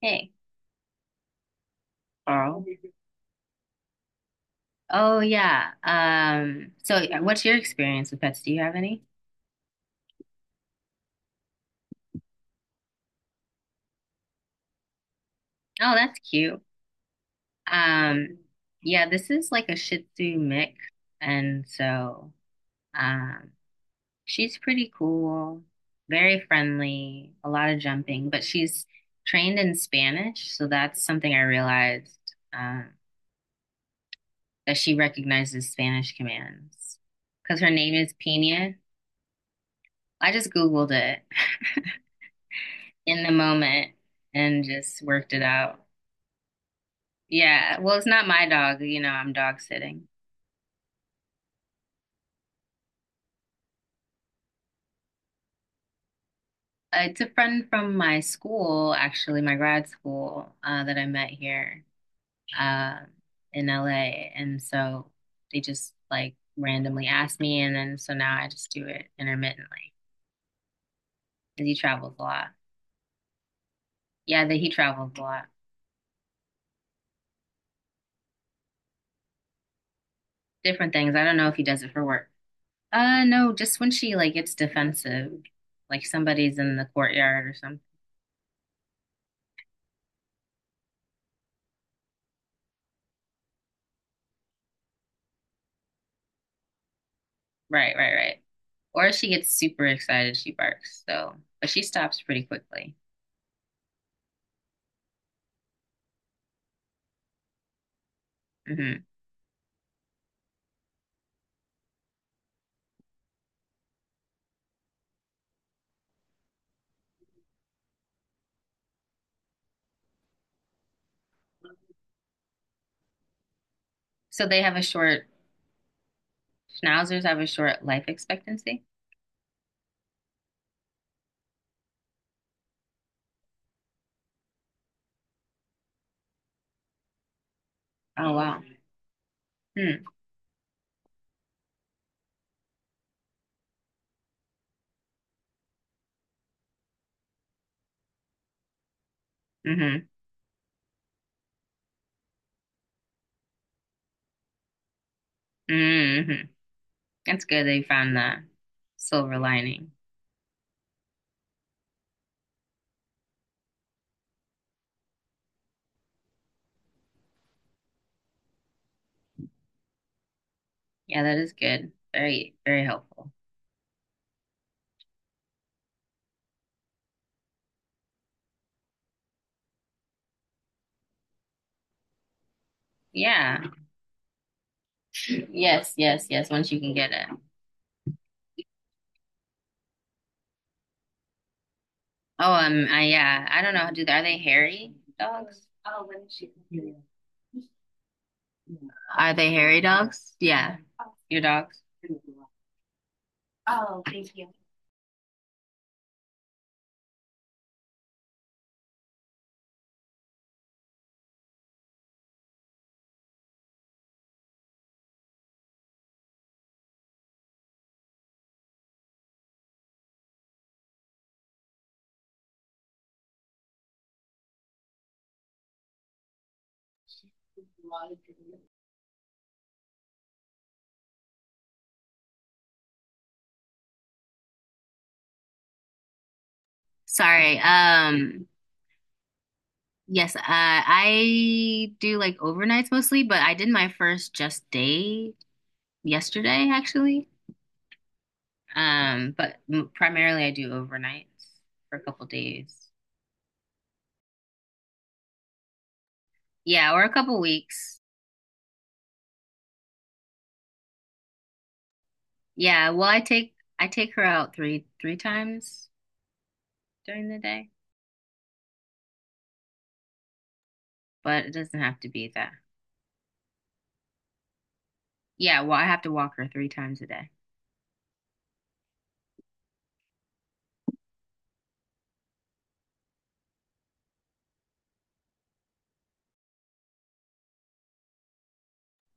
Hey. Carl. Oh yeah. What's your experience with pets? Do you have any? Oh, that's cute. Um, yeah, this is like a Shih Tzu mix, and so um she's pretty cool, very friendly, a lot of jumping, but she's trained in Spanish, so that's something I realized that she recognizes Spanish commands because her name is Pina. I just Googled it in the moment and just worked it out. Yeah, well, it's not my dog, you know, I'm dog sitting. It's a friend from my school, actually, my grad school, that I met here uh, in LA. And so they just like randomly asked me, and then so now I just do it intermittently because he travels a lot. Yeah, that he travels a lot. Different things. I don't know if he does it for work. No, just when she like gets defensive, like somebody's in the courtyard or something. Right, right, right. Or if she gets super excited, she barks. So, but she stops pretty quickly. Hmm. So they have a schnauzers have a short life expectancy. Oh, wow. Hmm. Mm-hmm. Mm-hmm. That's good they found the silver lining. Yeah, that is good. Very, very helpful. Yeah. Yes, yes, yes. Once you can get it. Oh, I, yeah. I don't know. Do Are they hairy dogs? Are they hairy dogs? Yeah, your dogs. Sorry. Yes, I do like overnights mostly, but I did my first just day yesterday actually. But primarily I do overnights for a couple days. Yeah, or a couple weeks. Yeah, well, I take her out three times during the day, but it doesn't have to be that. Yeah, well, I have to walk her three times a day.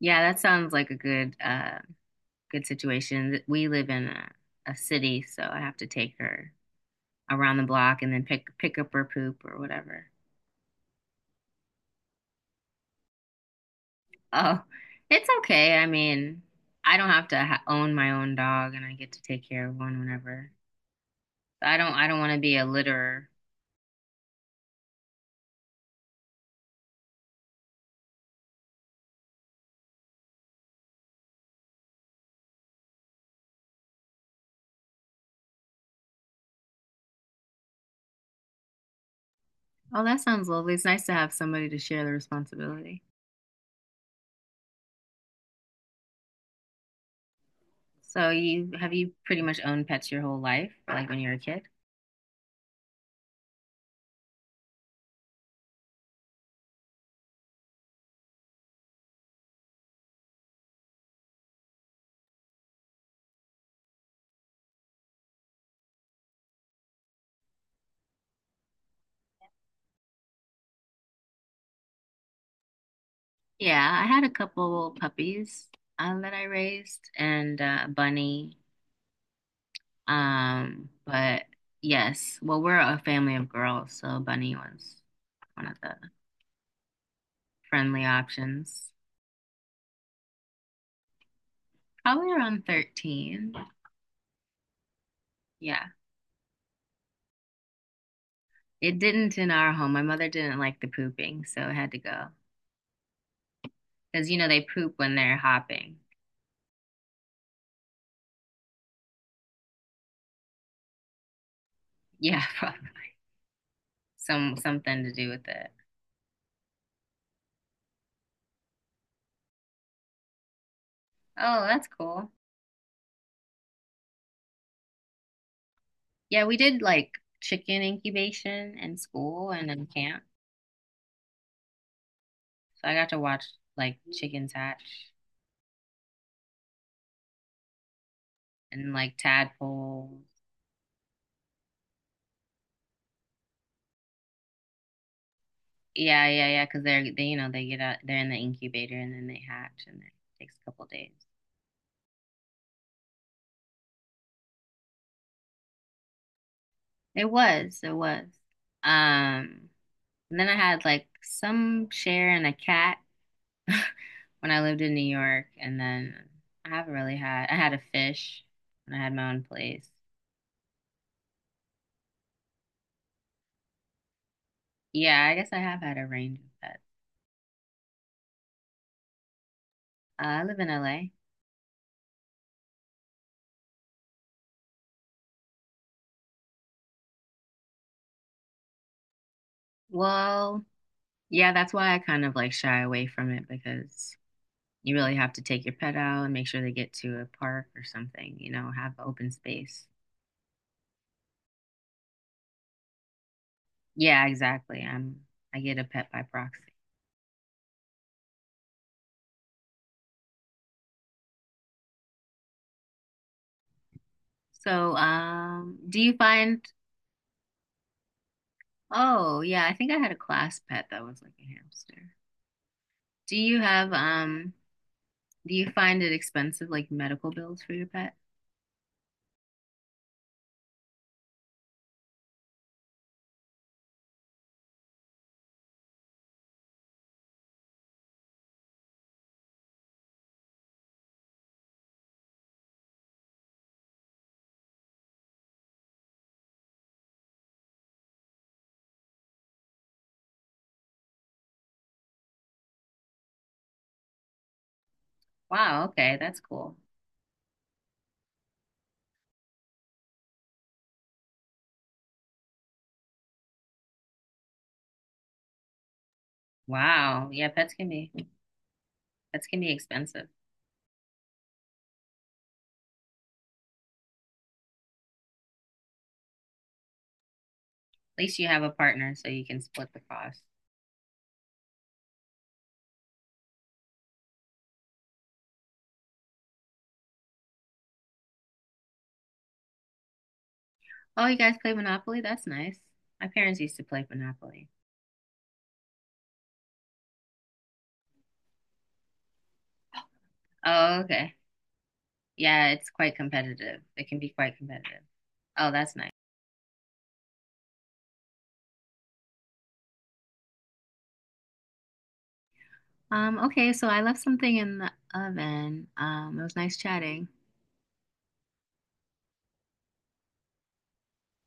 Yeah, that sounds like a good good situation. We live in a city, so I have to take her around the block and then pick up her poop or whatever. Oh, it's okay. I mean, I don't have to ha own my own dog, and I get to take care of one whenever. I don't want to be a litterer. Oh, that sounds lovely. It's nice to have somebody to share the responsibility. So you pretty much owned pets your whole life, like when you were a kid? Yeah, I had a couple puppies that I raised and a bunny. But yes, well, we're a family of girls, so Bunny was one of the friendly options. Probably around 13. Yeah. It didn't in our home. My mother didn't like the pooping, so it had to go. Because you know they poop when they're hopping. Yeah, probably something to do with it. Oh, that's cool. Yeah, we did like chicken incubation in school and in camp. So I got to watch like chickens hatch and like tadpoles. Yeah, yeah, yeah, because they you know they get out, they're in the incubator and then they hatch and it takes a couple days. It was, it was. Um, and then I had like some share in a cat when I lived in New York, and then I haven't really had I had a fish when I had my own place. Yeah, I guess I have had a range of pets. I live in LA. Well, yeah, that's why I kind of like shy away from it because you really have to take your pet out and make sure they get to a park or something, you know, have open space. Yeah, exactly. I get a pet by proxy. So, do you find oh, yeah, I think I had a class pet that was like a hamster. Do you have do you find it expensive like medical bills for your pet? Wow, okay, that's cool. Wow. Yeah, pets can be expensive. At least you have a partner so you can split the cost. Oh, you guys play Monopoly? That's nice. My parents used to play Monopoly. Oh, okay. Yeah, it's quite competitive. It can be quite competitive. Oh, that's nice. Okay, so I left something in the oven. It was nice chatting.